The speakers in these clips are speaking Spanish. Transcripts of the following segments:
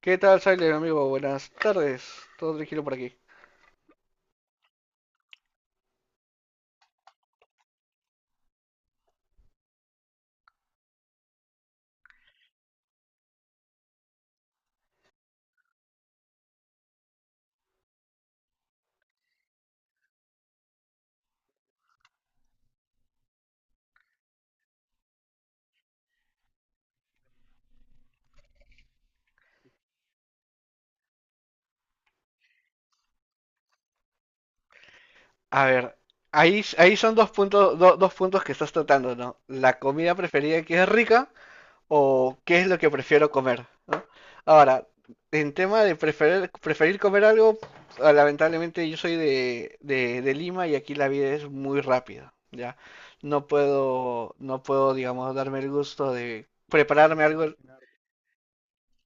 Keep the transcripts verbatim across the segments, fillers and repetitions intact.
¿Qué tal, Silent, amigo? Buenas tardes. Todo tranquilo por aquí. A ver, ahí, ahí son dos puntos, do- dos puntos que estás tratando, ¿no? La comida preferida que es rica o qué es lo que prefiero comer, ¿no? Ahora, en tema de preferir, preferir comer algo, ah, lamentablemente yo soy de, de, de Lima y aquí la vida es muy rápida, ¿ya? No puedo, no puedo, digamos, darme el gusto de prepararme algo.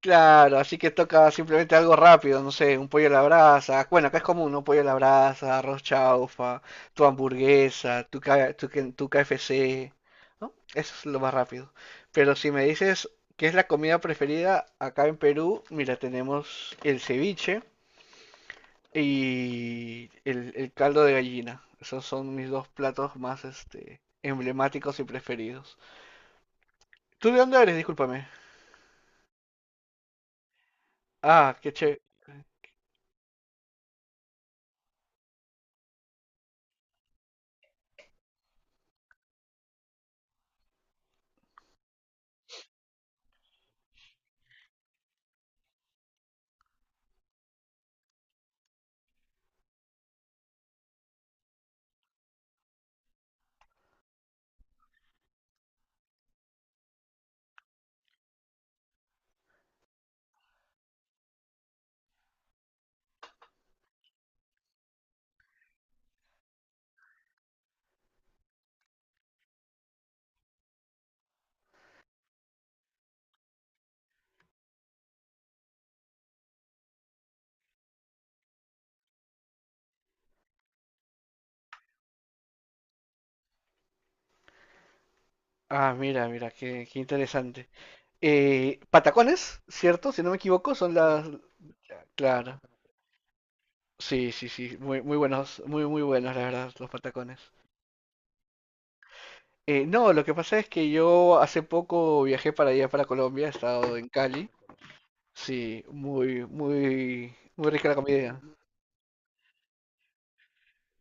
Claro, así que toca simplemente algo rápido, no sé, un pollo a la brasa. Bueno, acá es común, ¿no? Pollo a la brasa, arroz chaufa, tu hamburguesa, tu, K- tu, K- tu K F C, ¿no? Eso es lo más rápido. Pero si me dices qué es la comida preferida acá en Perú, mira, tenemos el ceviche y el, el caldo de gallina. Esos son mis dos platos más, este, emblemáticos y preferidos. ¿Tú de dónde eres? Discúlpame. Ah, qué chévere. Ah, mira, mira, qué, qué interesante. Eh, patacones, ¿cierto? Si no me equivoco, son las... Claro. Sí, sí, sí. Muy, muy buenos, muy, muy buenos, la verdad, los patacones. Eh, no, lo que pasa es que yo hace poco viajé para allá, para Colombia, he estado en Cali. Sí, muy, muy, muy rica la comida.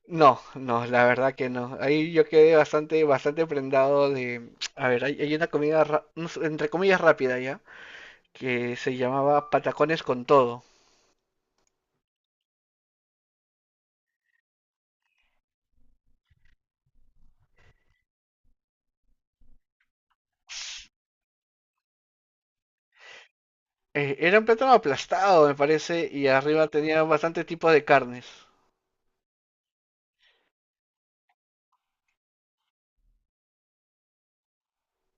No, no, la verdad que no. Ahí yo quedé bastante, bastante prendado de... A ver, hay, hay una comida, ra- no sé, entre comillas, rápida ya, que se llamaba patacones con todo. Eh, era un plátano aplastado, me parece, y arriba tenía bastante tipos de carnes.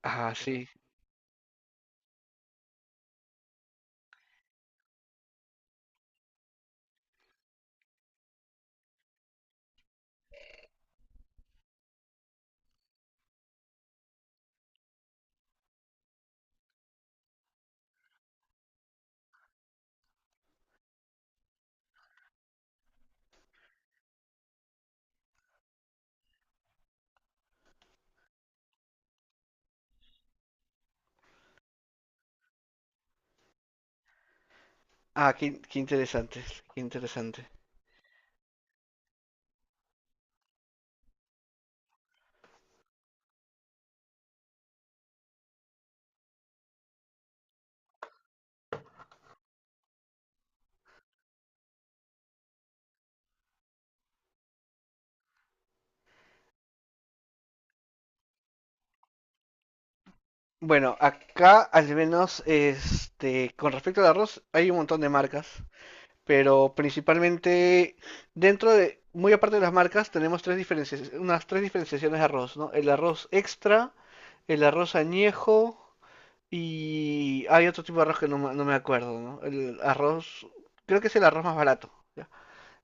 Ah, sí. Ah, qué, qué interesante, qué interesante. Bueno, acá al menos, este, con respecto al arroz, hay un montón de marcas, pero principalmente dentro de, muy aparte de las marcas, tenemos tres diferencias, unas tres diferenciaciones de arroz, ¿no? El arroz extra, el arroz añejo y hay otro tipo de arroz que no, me no me acuerdo, ¿no? El arroz, creo que es el arroz más barato, ¿ya?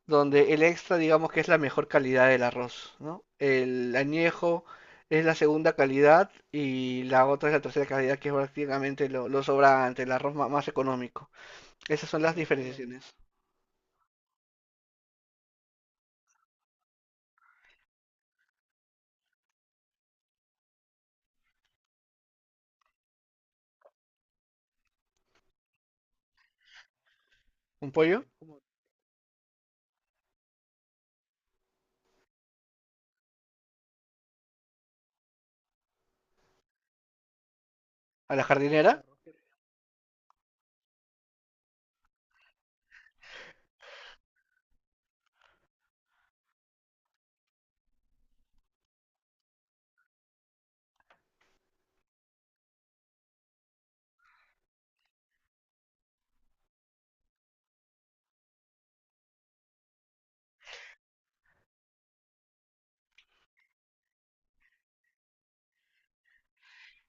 Donde el extra, digamos que es la mejor calidad del arroz, ¿no? El añejo es la segunda calidad y la otra es la tercera calidad, que es prácticamente lo, lo sobrante, el arroz ma- más económico. Esas son las diferenciaciones. ¿Un pollo? ¿A la jardinera?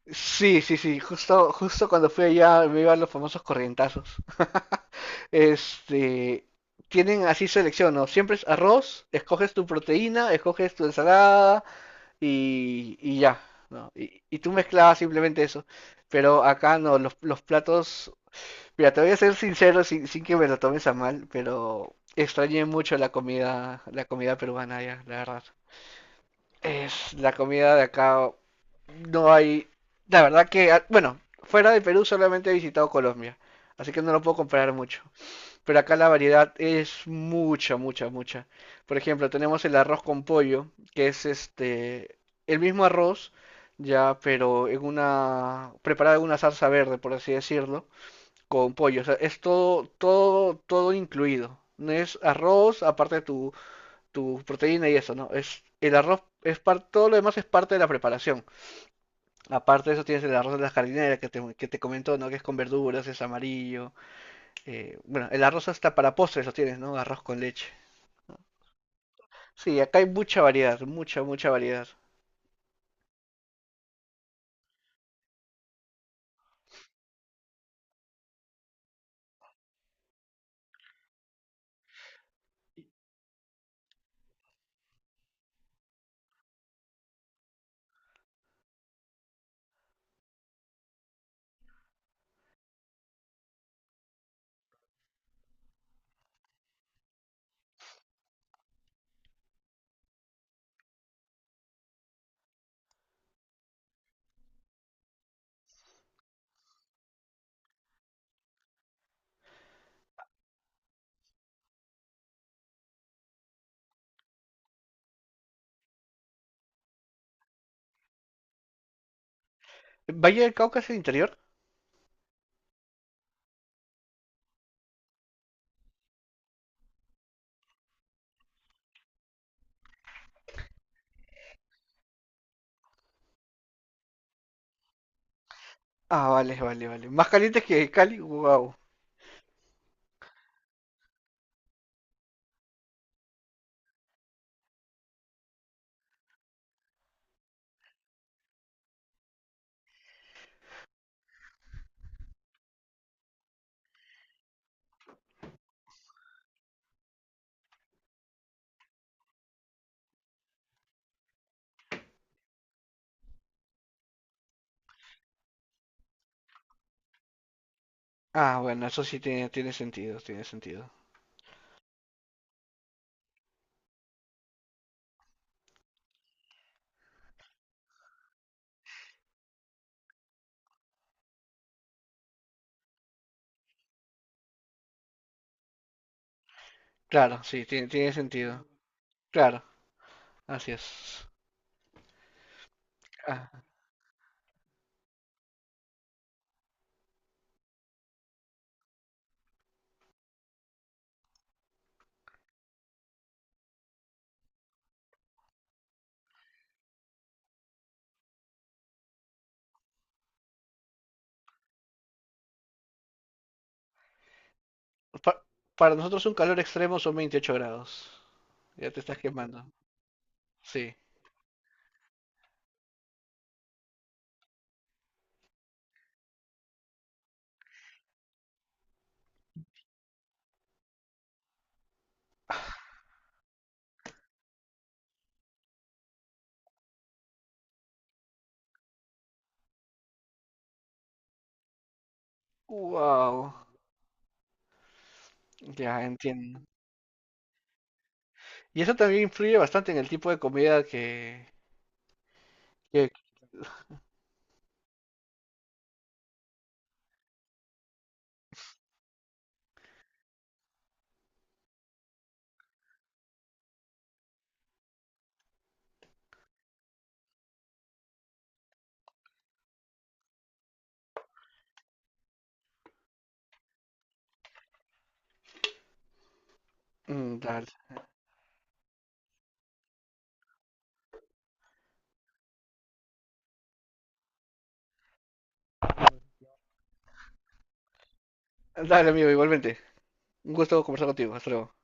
Sí, sí, sí, justo, justo cuando fui allá me iban los famosos corrientazos. Este, tienen así selección, ¿no? Siempre es arroz, escoges tu proteína, escoges tu ensalada, y, y ya, ¿no? Y, y tú mezclabas simplemente eso. Pero acá no, los, los platos. Mira, te voy a ser sincero sin, sin que me lo tomes a mal, pero extrañé mucho la comida, la comida peruana ya, la verdad. Es la comida de acá. No hay. La verdad que, ah, bueno, fuera de Perú solamente he visitado Colombia, así que no lo puedo comparar mucho. Pero acá la variedad es mucha, mucha, mucha. Por ejemplo, tenemos el arroz con pollo, que es este el mismo arroz, ya, pero en una preparado en una salsa verde, por así decirlo, con pollo. O sea, es todo, todo, todo incluido. No es arroz, aparte de tu, tu proteína y eso, ¿no? Es el arroz es par- Todo lo demás es parte de la preparación. Aparte de eso tienes el arroz de la jardinera que te, que te comentó, ¿no? Que es con verduras, es amarillo, eh, bueno, el arroz hasta para postres lo tienes, ¿no? Arroz con leche. Sí, acá hay mucha variedad, mucha, mucha variedad. ¿Valle del Cauca es el interior? Ah, vale, vale, vale. ¿Más caliente que Cali? Wow. Ah, bueno, eso sí tiene, tiene sentido, tiene sentido. Claro, sí, tiene, tiene sentido. Claro, así es. Ah, pa- para nosotros un calor extremo son veintiocho grados. Ya te estás quemando. Sí. Wow. Ya entiendo. Y eso también influye bastante en el tipo de comida que, que- Mm, dale. Dale, amigo, igualmente. Un gusto conversar contigo. Hasta luego.